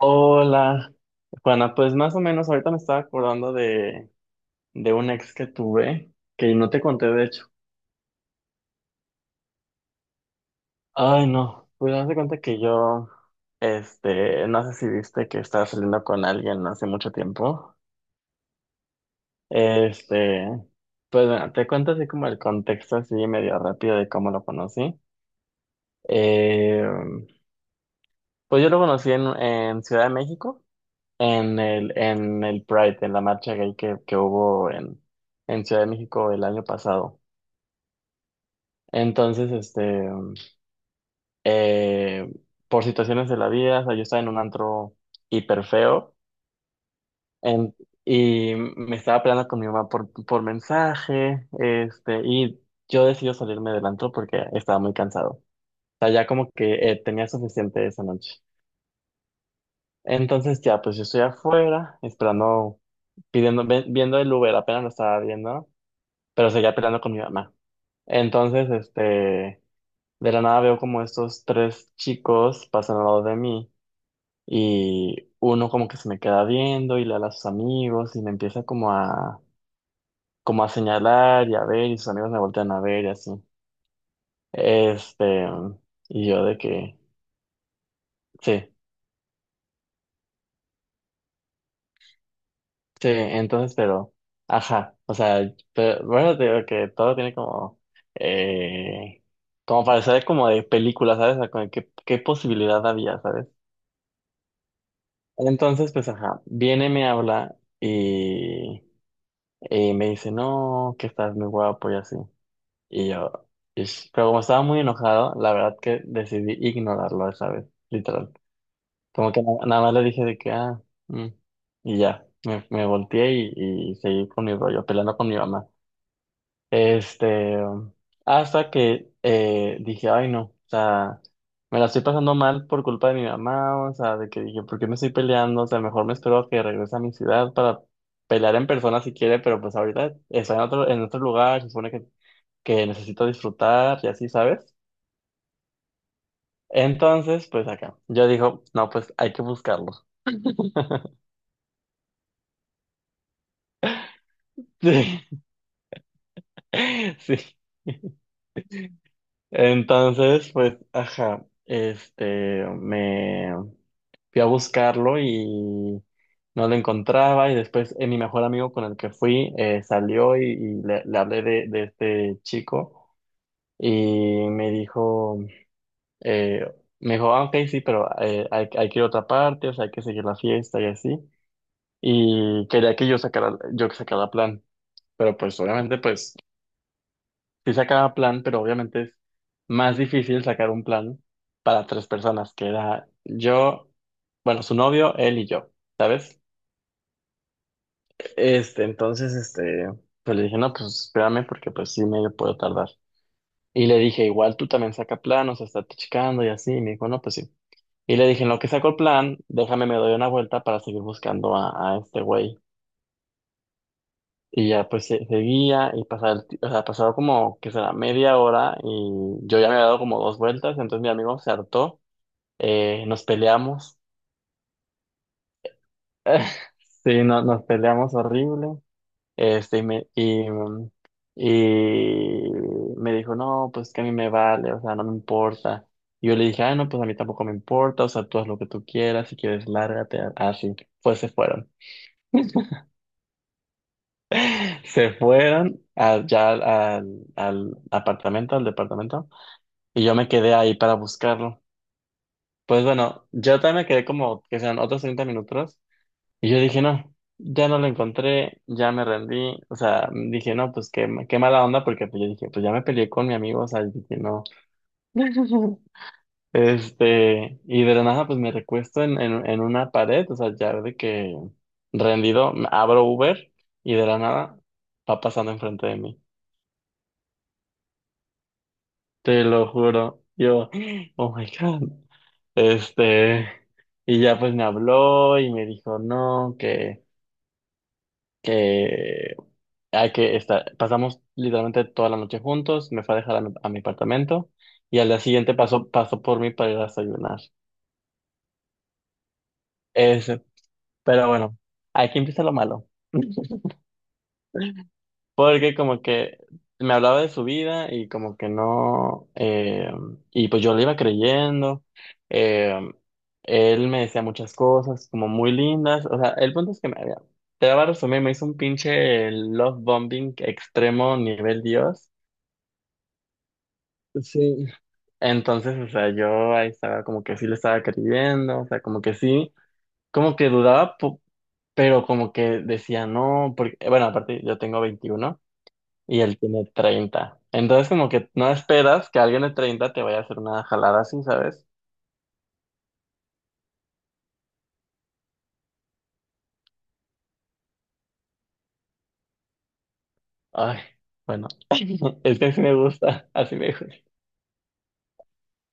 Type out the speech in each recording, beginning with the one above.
Hola, Juana, pues más o menos ahorita me estaba acordando de un ex que tuve, que no te conté de hecho. Ay, no, pues haz de cuenta que yo, no sé si viste que estaba saliendo con alguien hace mucho tiempo. Este, pues bueno, te cuento así como el contexto así medio rápido de cómo lo conocí. Eh, pues yo lo conocí en Ciudad de México, en el Pride, en la marcha gay que hubo en Ciudad de México el año pasado. Entonces, eh, por situaciones de la vida, o sea, yo estaba en un antro hiper feo, en- y me estaba peleando con mi mamá por mensaje, y yo decidí salirme del antro porque estaba muy cansado. O sea, ya como que tenía suficiente esa noche. Entonces ya, pues yo estoy afuera, esperando, pidiendo, viendo el Uber, apenas lo estaba viendo, pero seguía peleando con mi mamá. Entonces, de la nada veo como estos tres chicos pasan al lado de mí y uno como que se me queda viendo y le habla a sus amigos y me empieza como a señalar y a ver, y sus amigos me voltean a ver y así. Este, y yo de que, sí. Sí, entonces, pero, ajá, o sea, pero, bueno, te digo que todo tiene como, eh, como parecer como de película, ¿sabes? O sea, como de ¿Qué posibilidad había, ¿sabes? Entonces, pues, ajá, viene, me habla, y me dice, no, que estás muy guapo y así. Y yo, "Ish", pero como estaba muy enojado, la verdad que decidí ignorarlo esa vez, literal. Como que nada más le dije de que, "ah, mm", y ya, me volteé y seguí con mi rollo, peleando con mi mamá. Este, Hasta que dije, ay no, o sea, me la estoy pasando mal por culpa de mi mamá, o sea, de que dije, ¿por qué me estoy peleando? O sea, mejor me espero a que regrese a mi ciudad para pelear en persona si quiere, pero pues ahorita está en otro lugar, se supone que necesito disfrutar y así, ¿sabes? Entonces, pues acá, yo digo, no, pues hay que buscarlo. Sí, sí. Entonces, pues, ajá, me fui a buscarlo y no lo encontraba, y después mi mejor amigo con el que fui salió, y le hablé de este chico, y me dijo, eh, ah, ok, sí, pero hay que ir a otra parte, o sea, hay que seguir la fiesta y así. Y quería que yo que sacara plan, pero pues obviamente, pues sí sacaba plan, pero obviamente es más difícil sacar un plan para tres personas, que era yo, bueno, su novio, él y yo, ¿sabes? Entonces, pues le dije, no, pues espérame porque pues sí medio puedo tardar. Y le dije, igual tú también saca plan, o sea, estate checando y así. Y me dijo, no, pues sí. Y le dije, en lo que saco el plan, déjame me doy una vuelta para seguir buscando a este güey. Y ya pues seguía y pasaba, o sea, pasaba como que será media hora y yo ya me había dado como dos vueltas, entonces mi amigo se hartó, nos peleamos. Sí, nos peleamos horrible, este, y me, y, mm, y me dijo, no, pues que a mí me vale, o sea, no me importa. Y yo le dije, ah, no, pues a mí tampoco me importa, o sea, tú haz lo que tú quieras, si quieres, lárgate, así, pues se fueron. Se fueron allá al apartamento, al departamento. Y yo me quedé ahí para buscarlo. Pues bueno, yo también me quedé como que sean otros 30 minutos. Y yo dije, no, ya no lo encontré, ya me rendí. O sea, dije, no, pues qué mala onda, porque pues yo dije, pues ya me peleé con mi amigo, o sea, yo dije, no. Y de la nada, pues me recuesto en una pared, o sea, ya de que rendido, abro Uber y de la nada va pasando enfrente de mí. Te lo juro. Yo, oh my God. Este, y ya pues me habló y me dijo, no, que hay que estar, pasamos literalmente toda la noche juntos, me fue a dejar a mi, apartamento, y al día siguiente pasó por mí para ir a desayunar. Ese, pero bueno, aquí empieza lo malo, porque como que me hablaba de su vida y como que no, y pues yo le iba creyendo, eh, él me decía muchas cosas como muy lindas, o sea, el punto es que me había, te voy a resumir, me hizo un pinche love bombing extremo nivel Dios. Sí. Entonces, o sea, yo ahí estaba como que sí le estaba creyendo, o sea, como que sí, como que dudaba, pero como que decía no, porque, bueno, aparte yo tengo 21 y él tiene 30. Entonces como que no esperas que alguien de 30 te vaya a hacer una jalada así, ¿sabes? Ay, bueno, es que así me gusta, así me gusta.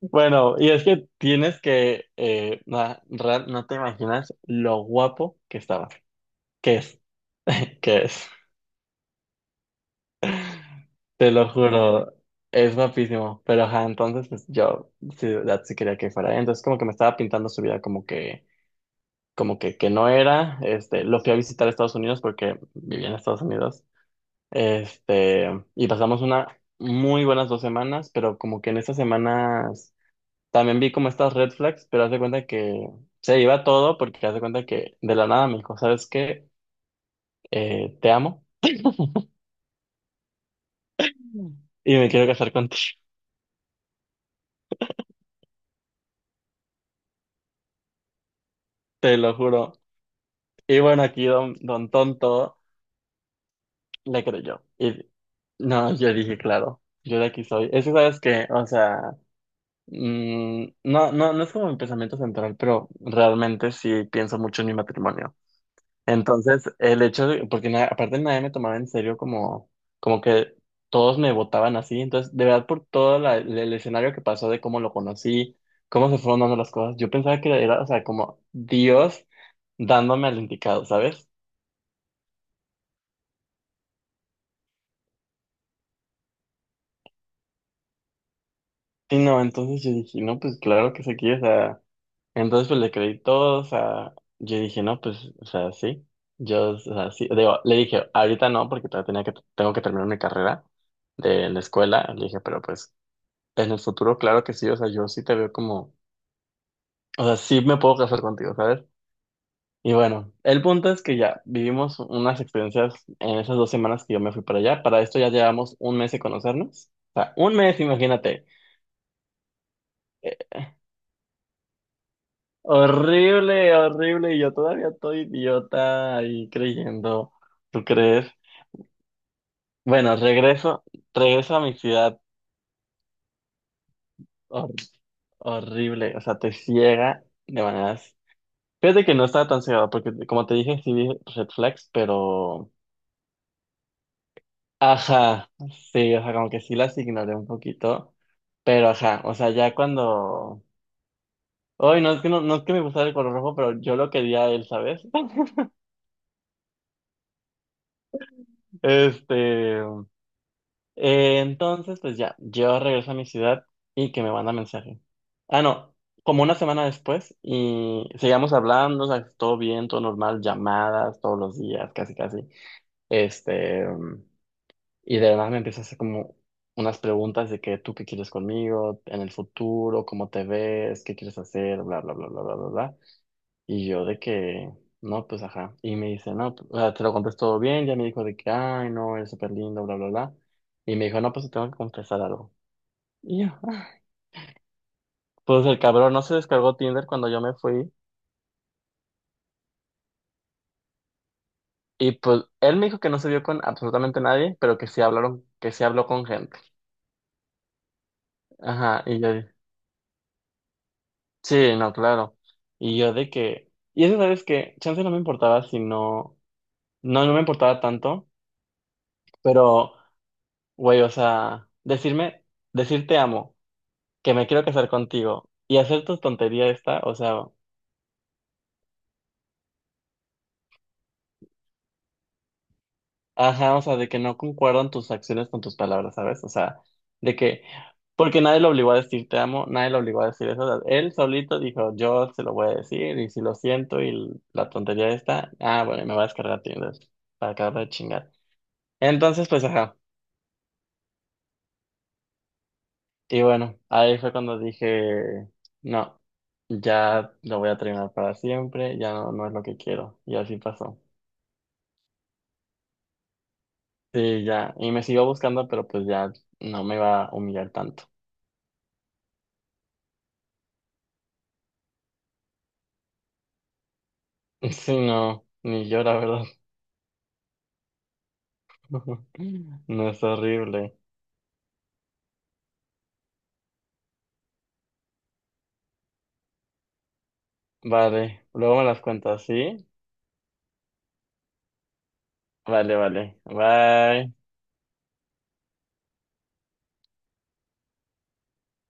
Bueno, y es que tienes que, no, te imaginas lo guapo que estaba, que es, que es, te lo juro, es guapísimo, pero ajá, entonces pues, yo sí, de verdad sí quería que fuera, entonces como que me estaba pintando su vida como que, que no era, lo fui a visitar a Estados Unidos porque vivía en Estados Unidos. Y pasamos una muy buenas 2 semanas, pero como que en estas semanas también vi como estas red flags, pero haz de cuenta que se iba todo, porque haz de cuenta que de la nada me dijo, ¿sabes qué? Te amo y me quiero casar contigo, te lo juro. Y bueno, aquí don Tonto le creyó. Y no, yo dije, claro, yo de aquí soy. Es que sabes que, o sea, no, no, no es como mi pensamiento central, pero realmente sí pienso mucho en mi matrimonio. Entonces, el hecho de, porque aparte nadie me tomaba en serio como, que todos me votaban así, entonces, de verdad, por todo el escenario que pasó de cómo lo conocí, cómo se fueron dando las cosas, yo pensaba que era, o sea, como Dios dándome al indicado, ¿sabes? Sí no, entonces yo dije, no, pues claro que se quiere, o sea, entonces pues le creí todo, o sea, yo dije, no, pues, o sea, sí, yo, o sea, sí, digo, le dije, ahorita no, porque todavía tengo que terminar mi carrera de la escuela. Le dije, pero pues en el futuro, claro que sí, o sea, yo sí te veo como, o sea, sí me puedo casar contigo, ¿sabes? Y bueno, el punto es que ya vivimos unas experiencias en esas 2 semanas que yo me fui para allá. Para esto ya llevamos un mes de conocernos. O sea, un mes, imagínate. Eh, horrible, horrible. Y yo todavía estoy idiota ahí creyendo. ¿Tú crees? Bueno, regreso a mi ciudad, hor- horrible. O sea, te ciega de maneras. Fíjate que no estaba tan cegado porque, como te dije, sí vi red flags, pero ajá, sí, o sea, como que sí las ignoré un poquito, pero ajá, o sea, ya cuando... Ay, no es que me gustara el color rojo, pero yo lo quería a él, ¿sabes? Este, entonces, pues ya, yo regreso a mi ciudad y que me manda mensaje. Ah, no, como una semana después, y seguíamos hablando, o sea, todo bien, todo normal, llamadas todos los días, casi, casi. Este, Y de la nada me empieza a hacer como unas preguntas de que tú qué quieres conmigo, en el futuro, cómo te ves, qué quieres hacer, bla, bla, bla, bla, bla, bla, bla. Y yo de que, no, pues ajá. Y me dice, no, pues, o sea, te lo contesto todo bien, ya me dijo de que, ay, no, eres súper lindo, bla, bla, bla. Y me dijo, no, pues te tengo que confesar algo. Y yo, "Ah". Pues el cabrón no se descargó Tinder cuando yo me fui. Y pues él me dijo que no se vio con absolutamente nadie, pero que sí hablaron, que sí habló con gente. Ajá, y yo, sí, no, claro. Y yo de que, y eso sabes que, chance no me importaba, si no, no me importaba tanto, pero, güey, o sea, decir te amo, que me quiero casar contigo y hacer tu tontería esta, o sea, ajá, o sea, de que no concuerdan tus acciones con tus palabras, ¿sabes? O sea, de que, porque nadie lo obligó a decir te amo, nadie lo obligó a decir eso, o sea, él solito dijo, yo se lo voy a decir y si lo siento y la tontería esta, ah, bueno, me va a descargar Tinder para acabar de chingar. Entonces, pues, ajá. Y bueno, ahí fue cuando dije, no, ya lo voy a terminar para siempre, ya no, no es lo que quiero. Y así pasó. Sí, ya. Y me siguió buscando, pero pues ya no me va a humillar tanto. Sí, no, ni yo, la verdad. No es horrible. Vale, luego me las cuentas, ¿sí? Vale, vale. Bye.